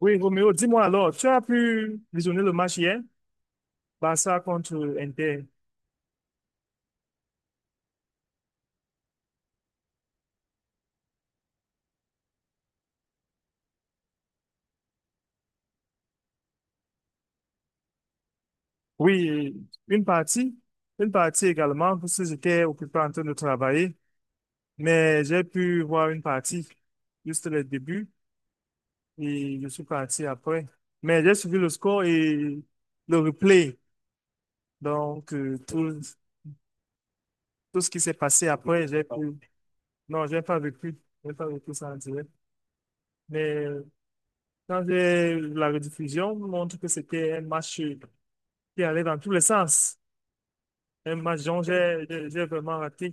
Oui, Roméo, dis-moi alors, tu as pu visionner le match hier, Barça contre Inter? Oui, une partie, une partie également, parce que j'étais occupé en train de travailler, mais j'ai pu voir une partie, juste le début, et je suis parti après. Mais j'ai suivi le score et le replay, donc tout ce qui s'est passé après, j'ai pu... Non, j'ai pas vécu ça en direct. Mais quand j'ai eu la rediffusion, montre que c'était un match qui allait dans tous les sens. Un match dont j'ai vraiment raté.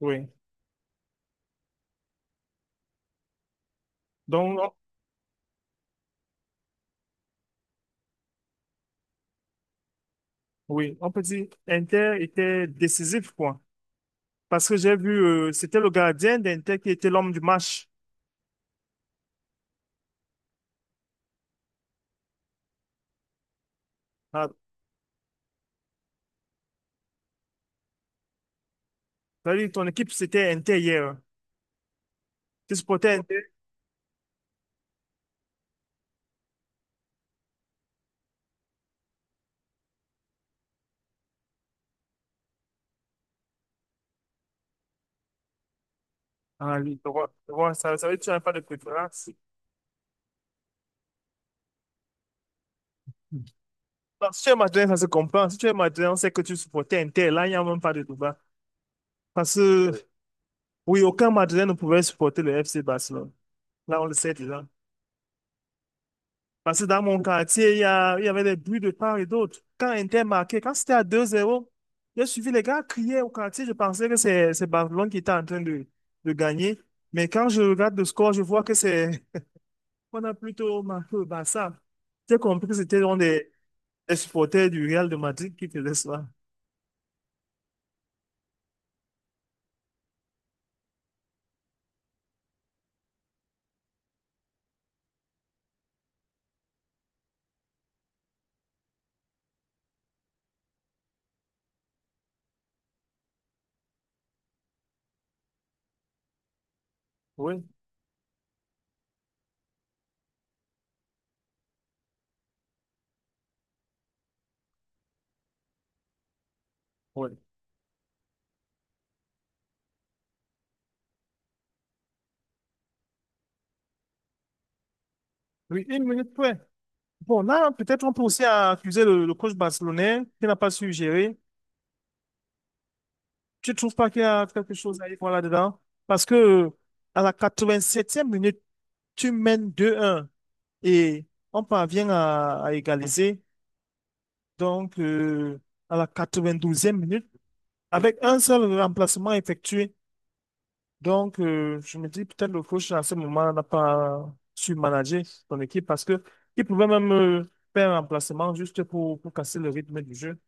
Oui. Donc, oui, on peut dire Inter était décisif, quoi. Parce que j'ai vu, c'était le gardien d'Inter qui était l'homme du match. Ah, ça veut dire que ton équipe, c'était Inter hier. Tu supportais Inter? Ah, oui, tu vois, ça, ça veut dire que tu n'as pas de préférence. Bah, si tu es madrilène, ça se comprend. Si tu es madrilène, on sait que tu supportais Inter. Là, il n'y a même pas de débat. Parce que, oui, aucun madrilène ne pouvait supporter le FC Barcelone. Là, on le sait déjà. Parce que dans mon quartier, il y avait des bruits de part et d'autre. Quand Inter marquait, quand c'était à 2-0, j'ai suivi les gars crier au quartier. Je pensais que c'est Barcelone qui était en train de gagner. Mais quand je regarde le score, je vois que c'est on a plutôt marqué le Barça. J'ai compris que c'était dans des les supporters du Real de Madrid qui faisait cela. Oui, oui. Oui, une minute près. Bon, là, peut-être on peut aussi accuser le coach barcelonais qui n'a pas su gérer. Tu ne trouves pas qu'il y a quelque chose à y voir là-dedans? Parce que à la 87e minute, tu mènes 2-1 et on parvient à égaliser. Donc à la 92e minute, avec un seul remplacement effectué. Donc, je me dis peut-être le coach à ce moment n'a pas su manager son équipe parce que il pouvait même faire un remplacement juste pour casser le rythme du jeu.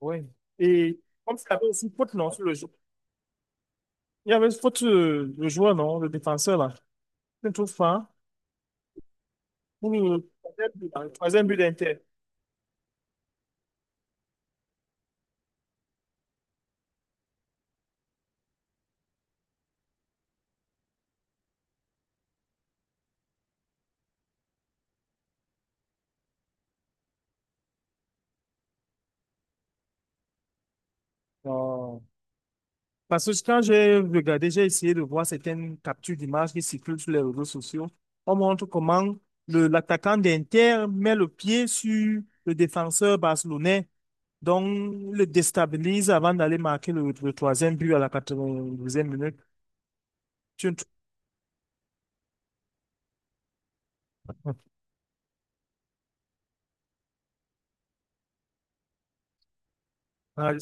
Ouais. Et comme il y avait aussi faute, non, sur le jeu. Il y avait une faute, le joueur, non, le défenseur, là. Je ne trouve pas. Ouh, troisième but hein, troisième but d'Inter. Non. Parce que quand j'ai regardé, j'ai essayé de voir certaines captures d'images qui circulent sur les réseaux sociaux. On montre comment l'attaquant d'Inter met le pied sur le défenseur barcelonais. Donc, le déstabilise avant d'aller marquer le troisième but à la 92e minute. Tu ne Ah,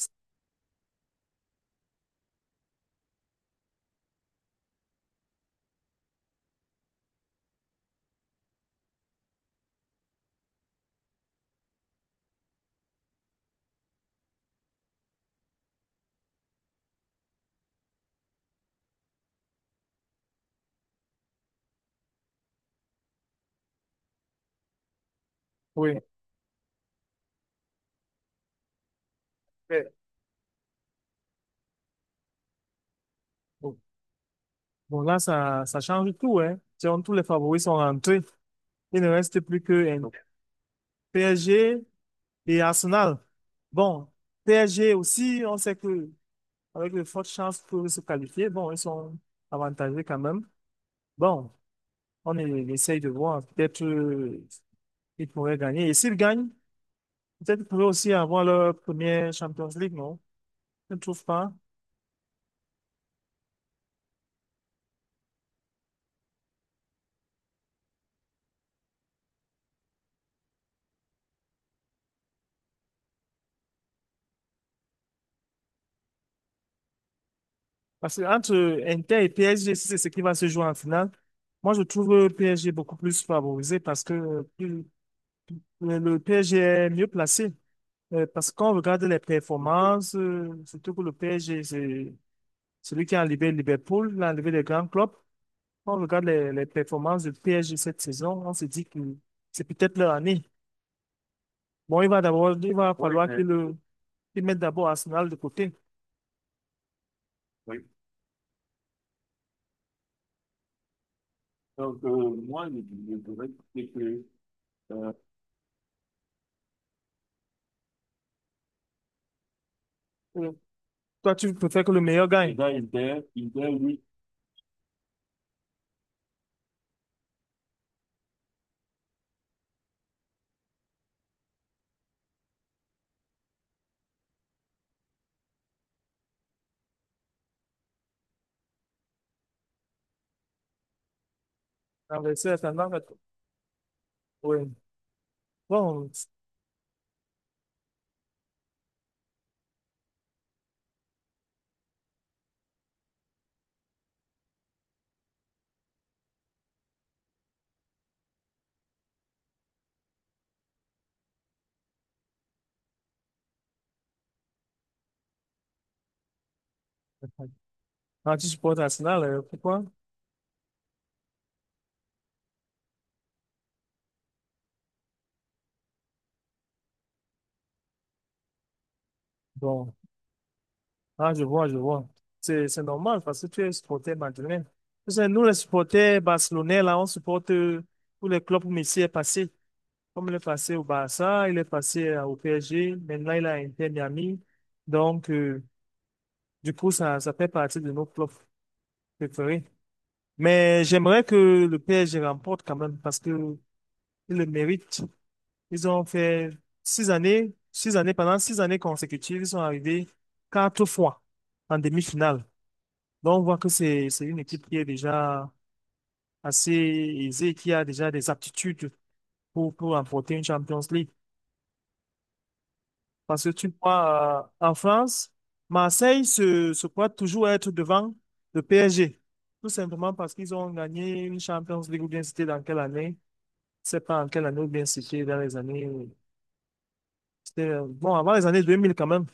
oui. Mais bon, bon, là, ça change tout, hein. Tiens, tous les favoris sont rentrés. Il ne reste plus que PSG et Arsenal. Bon, PSG aussi, on sait que avec de fortes chances pour se qualifier, bon, ils sont avantagés quand même. Bon, on essaye de voir. Peut-être ils pourraient gagner. Et s'ils gagnent, peut-être qu'ils pourraient aussi avoir leur première Champions League, non? Je ne trouve pas. Parce que entre Inter et PSG, si c'est ce qui va se jouer en finale, moi je trouve PSG beaucoup plus favorisé parce que le PSG est mieux placé. Parce que quand on regarde les performances, surtout que le PSG, c'est celui qui a enlevé Liverpool, l'a enlevé les grands clubs. Quand on regarde les performances du PSG cette saison, on se dit que c'est peut-être leur année. Bon, il va d'abord, il va, oui, falloir mais qu'ils mettent d'abord Arsenal de côté. Oui. Donc, moi, je dirais que euh, toi, tu préfères que le meilleur il gagne. Il doit, oui. Renverser la tendance. Oui. Bon, quand tu supportes Arsenal, pourquoi? Bon, ah, je vois, je vois. C'est normal parce que tu es supporter madrilène. Tu sais, nous, les supporters barcelonais, là, on supporte tous les clubs où Messi est passé. Comme il est passé au Barça, il est passé au PSG, maintenant il a Inter Miami. Donc, du coup, ça fait partie de nos clubs préférés. Mais j'aimerais que le PSG remporte quand même parce que ils le méritent. Ils ont fait 6 années, 6 années, pendant 6 années consécutives, ils sont arrivés quatre fois en demi-finale. Donc, on voit que c'est une équipe qui est déjà assez aisée, qui a déjà des aptitudes pour remporter une Champions League. Parce que tu vois, en France, Marseille se croit toujours être devant le PSG. Tout simplement parce qu'ils ont gagné une Champions League, ou bien c'était dans quelle année? Je sais pas en quelle année, ou bien c'était dans les années. Bon, avant les années 2000 quand même,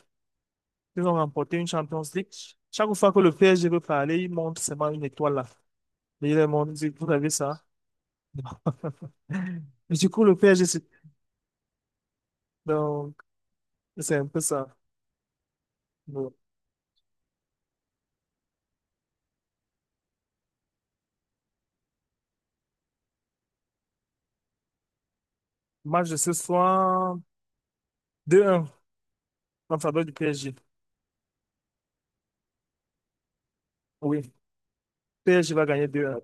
ils ont remporté une Champions League. Chaque fois que le PSG veut parler, ils montrent seulement une étoile là. Et ils leur montrent, vous avez ça? Et du coup, le PSG, donc, c'est un peu ça. Le match de ce soir, 2-1 en faveur du PSG. Oui, PSG va gagner deux 1.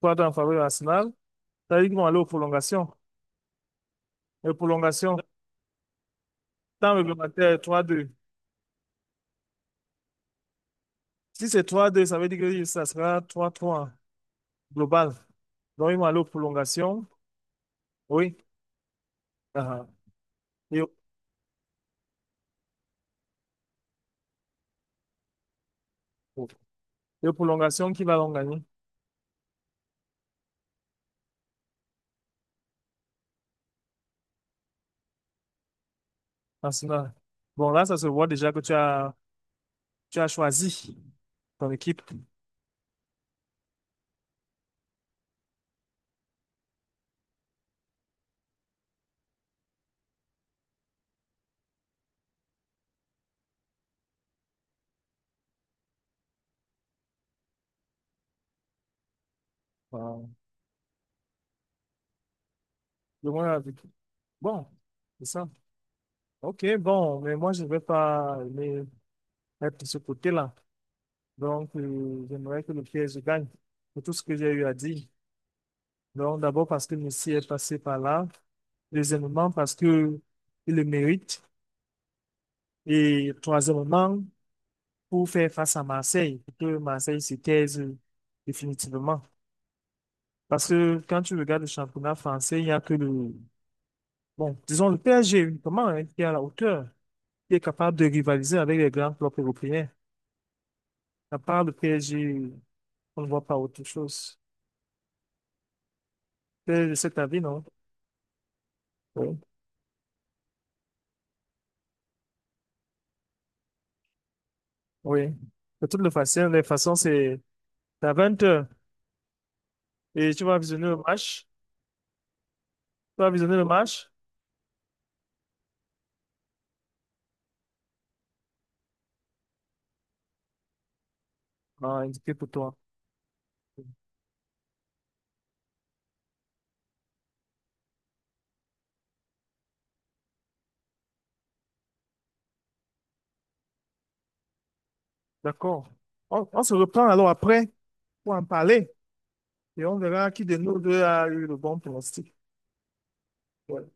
3-2 en faveur de Arsenal. Ça veut dire qu'ils vont aller aux prolongations. Les prolongations, temps réglementaire, 3-2. Si c'est 3-2, ça veut dire que ça sera 3-3 global. Donc, ils vont aller aux prolongations. Oui. Ah, ah. Et, aux et aux prolongations, qui va donc gagner? Arsenal. Bon, là, ça se voit déjà que tu as choisi ton équipe. Voilà. Je vois bon, c'est ça. OK, bon, mais moi, je ne vais pas aimer être de ce côté-là. Donc, j'aimerais que le PSG gagne pour tout ce que j'ai eu à dire. Donc, d'abord parce que Messi est passé par là. Deuxièmement, parce que il le mérite. Et troisièmement, pour faire face à Marseille, pour que Marseille se taise définitivement. Parce que quand tu regardes le championnat français, il n'y a que le, bon, disons le PSG uniquement, hein, qui est à la hauteur, qui est capable de rivaliser avec les grands clubs européens. À part le PSG, on ne voit pas autre chose. C'est cet avis, non? Oui. Oui. De toutes les façons, c'est à 20 h et tu vas visionner le match. Tu vas visionner le match. Ah, indiqué pour toi. D'accord. On se reprend alors après pour en parler et on verra qui de nous deux a eu le bon pronostic. Ouais.